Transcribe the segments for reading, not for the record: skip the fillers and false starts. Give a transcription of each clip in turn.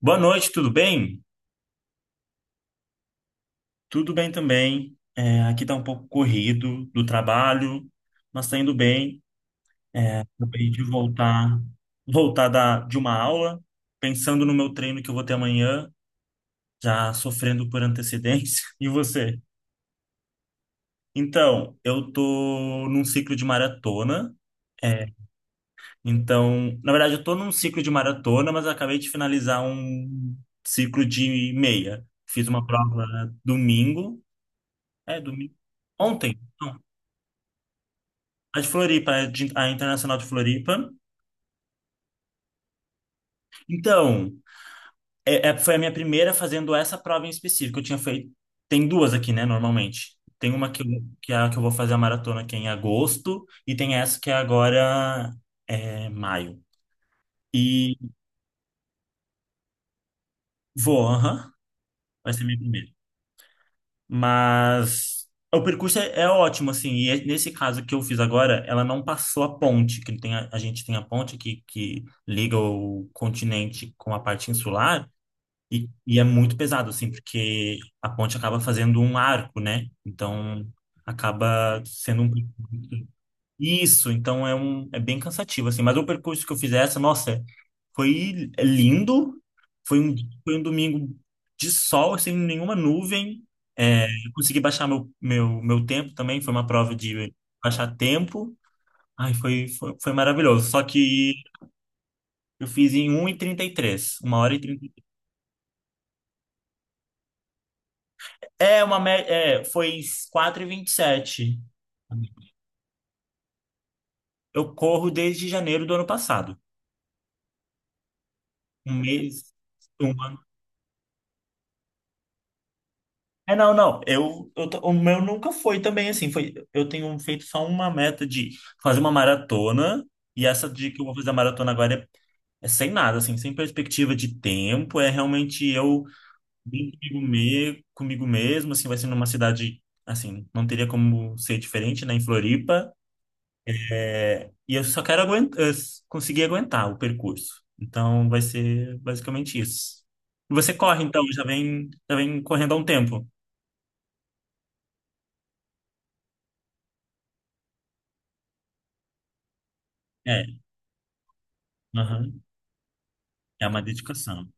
Boa noite, tudo bem? Tudo bem também. Aqui tá um pouco corrido do trabalho, mas tá indo bem. Acabei de voltar, de uma aula, pensando no meu treino que eu vou ter amanhã, já sofrendo por antecedência. E você? Eu tô num ciclo de maratona. É, na verdade, eu tô num ciclo de maratona, mas eu acabei de finalizar um ciclo de meia. Fiz uma prova domingo. É, domingo. Ontem. A de Floripa, a Internacional de Floripa. Então, foi a minha primeira fazendo essa prova em específico. Eu tinha feito. Tem duas aqui, né, normalmente. Tem uma que, que é a que eu vou fazer a maratona, que é em agosto, e tem essa que é agora é, maio. E vou, aham, vai ser minha primeira. Mas o percurso é ótimo, assim. Nesse caso que eu fiz agora, ela não passou a ponte, que ele tem a gente tem a ponte aqui que liga o continente com a parte insular. E é muito pesado, assim, porque a ponte acaba fazendo um arco, né? Então, acaba sendo um percurso. Isso, é bem cansativo, assim. Mas o percurso que eu fiz essa, nossa, foi lindo. Foi um, foi um domingo de sol, sem nenhuma nuvem. Eu consegui baixar meu tempo também. Foi uma prova de baixar tempo. Ai, foi maravilhoso. Só que eu fiz em 1h33, 1h30. É uma mé- é, foi 4:27. Eu corro desde janeiro do ano passado. Um mês, um ano. Não. O meu nunca foi também assim. Foi, eu tenho feito só uma meta de fazer uma maratona. E essa de que eu vou fazer a maratona agora é sem nada, assim, sem perspectiva de tempo. É realmente eu bem comigo, comigo mesmo, assim, vai ser numa cidade, assim, não teria como ser diferente, né, em Floripa. É, e eu só quero aguentar, conseguir aguentar o percurso. Então vai ser basicamente isso. E você corre, então, já vem correndo há um tempo. É, aham. É uma dedicação.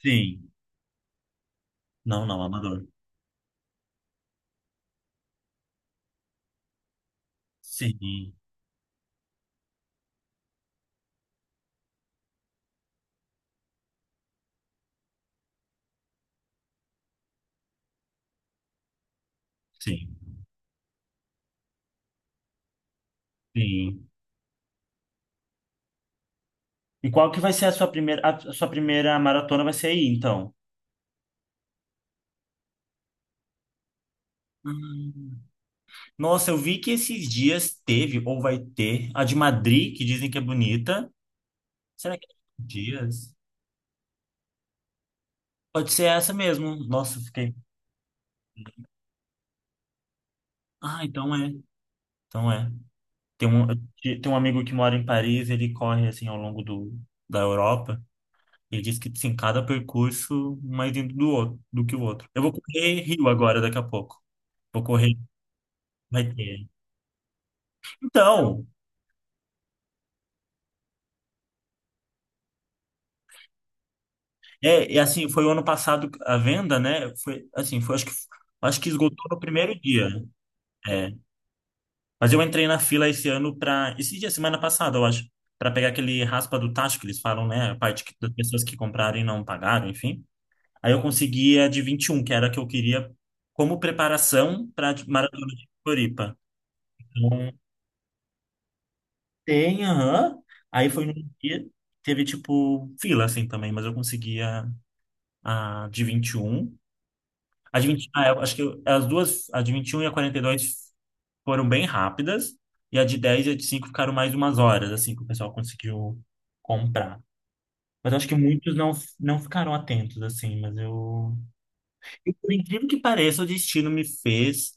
Sim. Não, não, amador. Sim, sim, sim. E qual que vai ser a sua primeira maratona vai ser aí, então? Hum. Nossa, eu vi que esses dias teve, ou vai ter, a de Madrid, que dizem que é bonita. Será que é dias? Pode ser essa mesmo. Nossa, fiquei. Ah, então é. Então é. Tem um, tem um amigo que mora em Paris, ele corre assim ao longo da Europa. Ele diz que sim, cada percurso mais dentro do outro, do que o outro. Eu vou correr Rio agora, daqui a pouco. Vou correr, vai ter. Então, é, é assim, foi o ano passado a venda, né? Foi assim, foi acho que esgotou no primeiro dia. É. Mas eu entrei na fila esse ano para esse dia, semana passada, eu acho, para pegar aquele raspa do tacho que eles falam, né? A parte que, das pessoas que compraram e não pagaram, enfim. Aí eu consegui a de 21 que era a que eu queria como preparação para a Maratona de Floripa. Então, tem, aham. Aí foi num dia, teve tipo fila assim também, mas eu consegui a de 21. A de 20 ah, eu acho que as duas, a de 21 e a 42 foram bem rápidas, e a de 10 e a de 5 ficaram mais umas horas, assim, que o pessoal conseguiu comprar. Mas eu acho que muitos não, não ficaram atentos, assim, mas eu... E por incrível que pareça, o destino me fez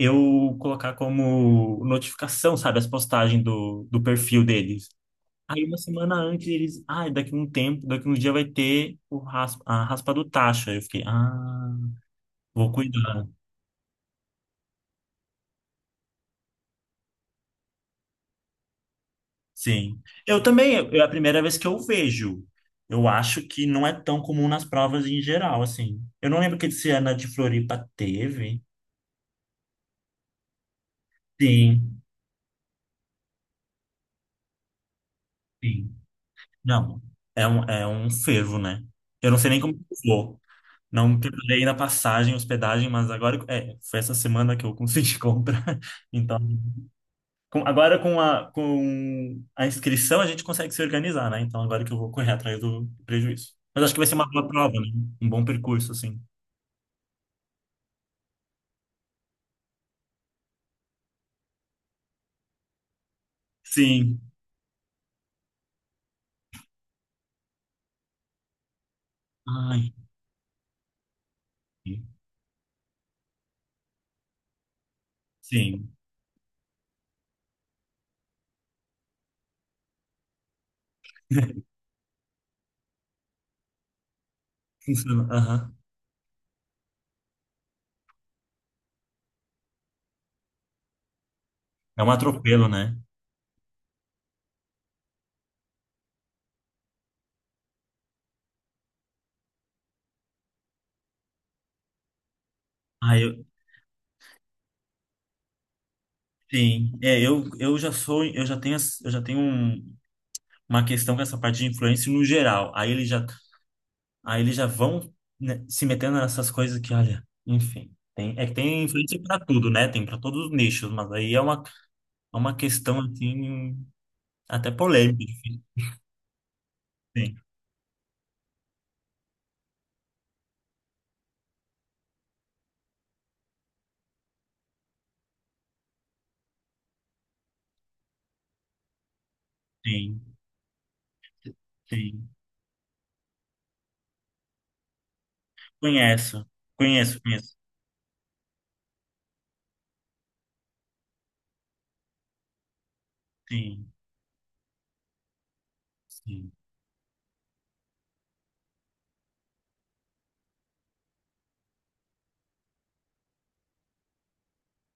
eu colocar como notificação, sabe, as postagens do perfil deles. Aí uma semana antes eles, ah, daqui um tempo, daqui um dia vai ter o raspa, a raspa do tacho. Aí eu fiquei, ah, vou cuidar. Sim. Eu também, é a primeira vez que eu vejo. Eu acho que não é tão comum nas provas em geral, assim. Eu não lembro que esse ano a de Floripa teve. Sim, sim. Não, é um fervo, né? Eu não sei nem como que eu vou. Não preparei na passagem, hospedagem, mas agora é, foi essa semana que eu consegui comprar. Então, com a inscrição a gente consegue se organizar, né? Então agora que eu vou correr atrás do prejuízo. Mas acho que vai ser uma boa prova, né? Um bom percurso, assim. Sim. Ai, sim. Funciona. Aham. É um atropelo, né? Ah, eu, sim. É, eu já sou, eu já tenho, as- eu já tenho uma questão com essa parte de influência no geral. Aí ele já... Aí eles já vão, né, se metendo nessas coisas que, olha, enfim. Tem, é que tem influencer pra tudo, né? Tem pra todos os nichos, mas aí é uma questão, assim, até polêmica. Tem, tem, tem. Conheço, conheço. Sim, sim.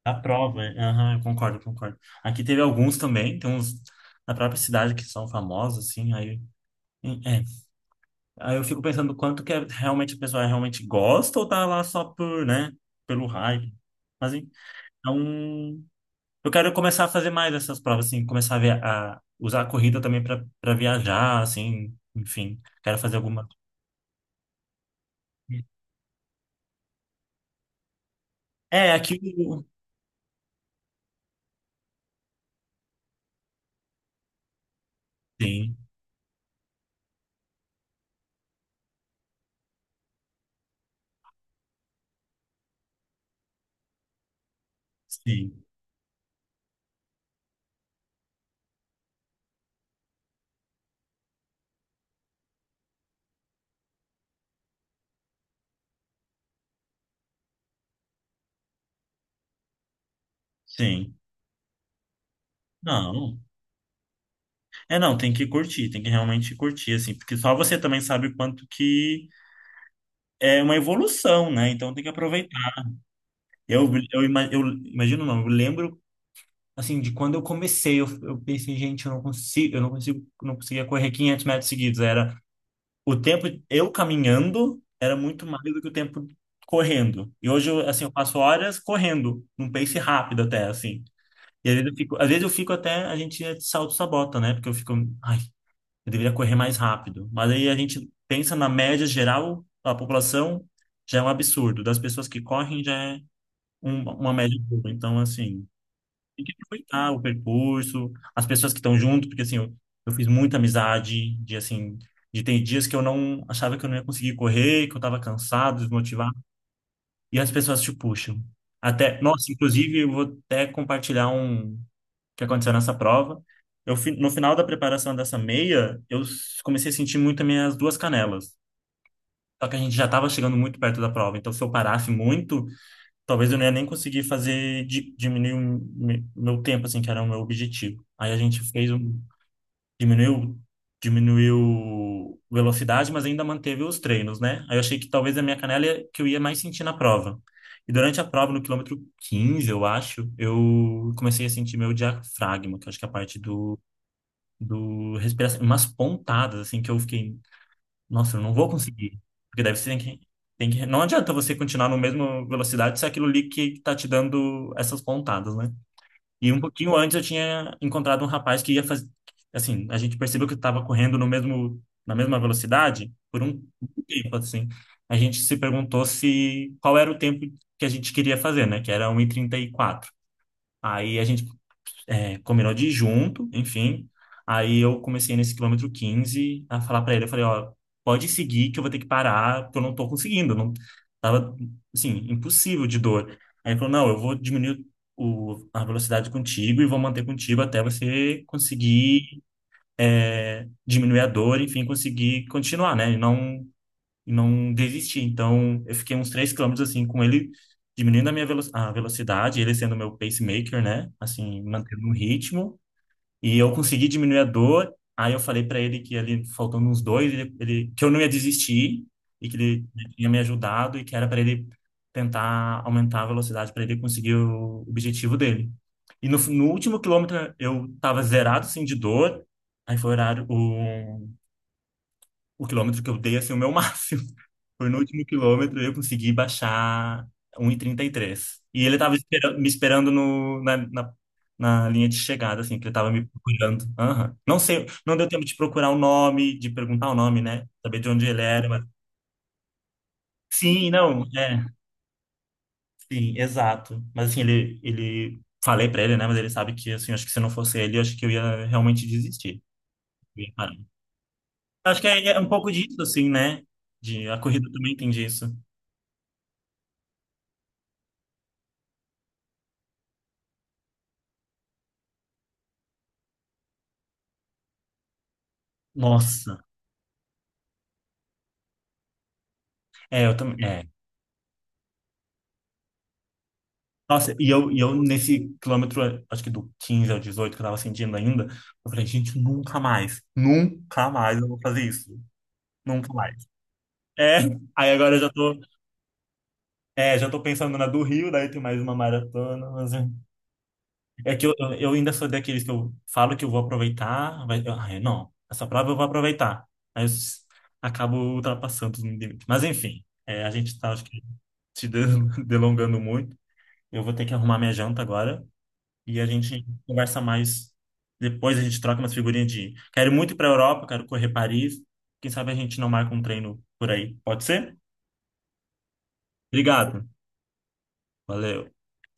A prova, é, aham, concordo. Aqui teve alguns também, tem uns na própria cidade que são famosos, assim, aí. É, aí eu fico pensando quanto que é, realmente a pessoa realmente gosta ou tá lá só por, né, pelo hype. Mas... Então, eu quero começar a fazer mais essas provas, assim, a usar a corrida também para viajar, assim, enfim, quero fazer alguma. É, aqui. Sim, sim, sim. Não. É, não, tem que curtir, tem que realmente curtir, assim, porque só você também sabe o quanto que é uma evolução, né? Então tem que aproveitar. Eu imagino, não, eu lembro, assim, de quando eu comecei, eu pensei, gente, eu não consigo, não conseguia correr 500 metros seguidos, era o tempo eu caminhando era muito mais do que o tempo correndo. E hoje, eu, assim, eu passo horas correndo, num pace rápido até, assim. E às vezes eu fico, a gente auto-sabota, né? Porque eu fico, ai, eu deveria correr mais rápido. Mas aí a gente pensa na média geral, da população já é um absurdo. Das pessoas que correm já é uma média boa. Então, assim, tem que aproveitar o percurso, as pessoas que estão junto, porque assim, eu fiz muita amizade, de assim, de tem dias que eu não achava que eu não ia conseguir correr, que eu tava cansado, desmotivado, e as pessoas te puxam. Até, nossa, inclusive eu vou até compartilhar um que aconteceu nessa prova. No final da preparação dessa meia, comecei a sentir muito as minhas duas canelas. Só que a gente já estava chegando muito perto da prova, então se eu parasse muito, talvez eu não ia nem conseguir fazer diminuir meu tempo, assim, que era o meu objetivo. Aí a gente fez um, diminuiu, diminuiu velocidade, mas ainda manteve os treinos, né? Aí eu achei que talvez a minha canela ia, que eu ia mais sentir na prova. E durante a prova, no quilômetro 15 eu acho, eu comecei a sentir meu diafragma, que eu acho que é a parte do respiração, umas pontadas, assim, que eu fiquei, nossa, eu não vou conseguir. Porque deve ser que, tem que. Não adianta você continuar na mesma velocidade se é aquilo ali que tá te dando essas pontadas, né? E um pouquinho antes eu tinha encontrado um rapaz que ia fazer. Assim, a gente percebeu que estava correndo no mesmo, na mesma velocidade por um tempo, assim. A gente se perguntou se qual era o tempo que a gente queria fazer, né? Que era 1h34. Aí a gente é, combinou de ir junto, enfim. Aí eu comecei nesse quilômetro 15 a falar pra ele, eu falei, ó, pode seguir que eu vou ter que parar, porque eu não tô conseguindo, não tava assim, impossível de dor. Aí ele falou, não, eu vou diminuir a velocidade contigo e vou manter contigo até você conseguir é, diminuir a dor, enfim, conseguir continuar, né? E não desistir. Então, eu fiquei uns 3 quilômetros assim com ele diminuindo a velocidade, ele sendo meu pacemaker, né? Assim, mantendo um ritmo e eu consegui diminuir a dor. Aí eu falei para ele que ali faltando uns dois, que eu não ia desistir e que ele tinha me ajudado e que era para ele tentar aumentar a velocidade para ele conseguir o objetivo dele. E no último quilômetro eu tava zerado assim de dor. Aí foi o horário o quilômetro que eu dei assim o meu máximo. Foi no último quilômetro eu consegui baixar 1,33. E trinta e três. E ele tava me esperando no, na, na, na linha de chegada, assim, que ele tava me procurando. Aham. Não sei, não deu tempo de procurar o nome, de perguntar o nome, né? Saber de onde ele era, mas... Sim, não, é, sim, exato. Mas assim, ele... Falei pra ele, né? Mas ele sabe que, assim, acho que se não fosse ele, acho que eu ia realmente desistir. Eu ia parar. Acho que é, é um pouco disso, assim, né? De, a corrida também tem disso. Nossa. É, eu também. Nossa, e eu nesse quilômetro, acho que do 15 ao 18, que eu tava sentindo ainda, eu falei, gente, nunca mais eu vou fazer isso. Nunca mais. É, aí agora eu já tô, é, já tô pensando na do Rio, daí tem mais uma maratona. É que eu ainda sou daqueles que eu falo que eu vou aproveitar, mas eu, ai, não, essa prova eu vou aproveitar. Aí eu s- acabo ultrapassando os limites. Mas enfim, é, a gente tá, acho que, se de- delongando muito. Eu vou ter que arrumar minha janta agora. E a gente conversa mais depois, a gente troca umas figurinhas de quero muito ir para a Europa, quero correr Paris. Quem sabe a gente não marca um treino por aí. Pode ser? Obrigado. Valeu.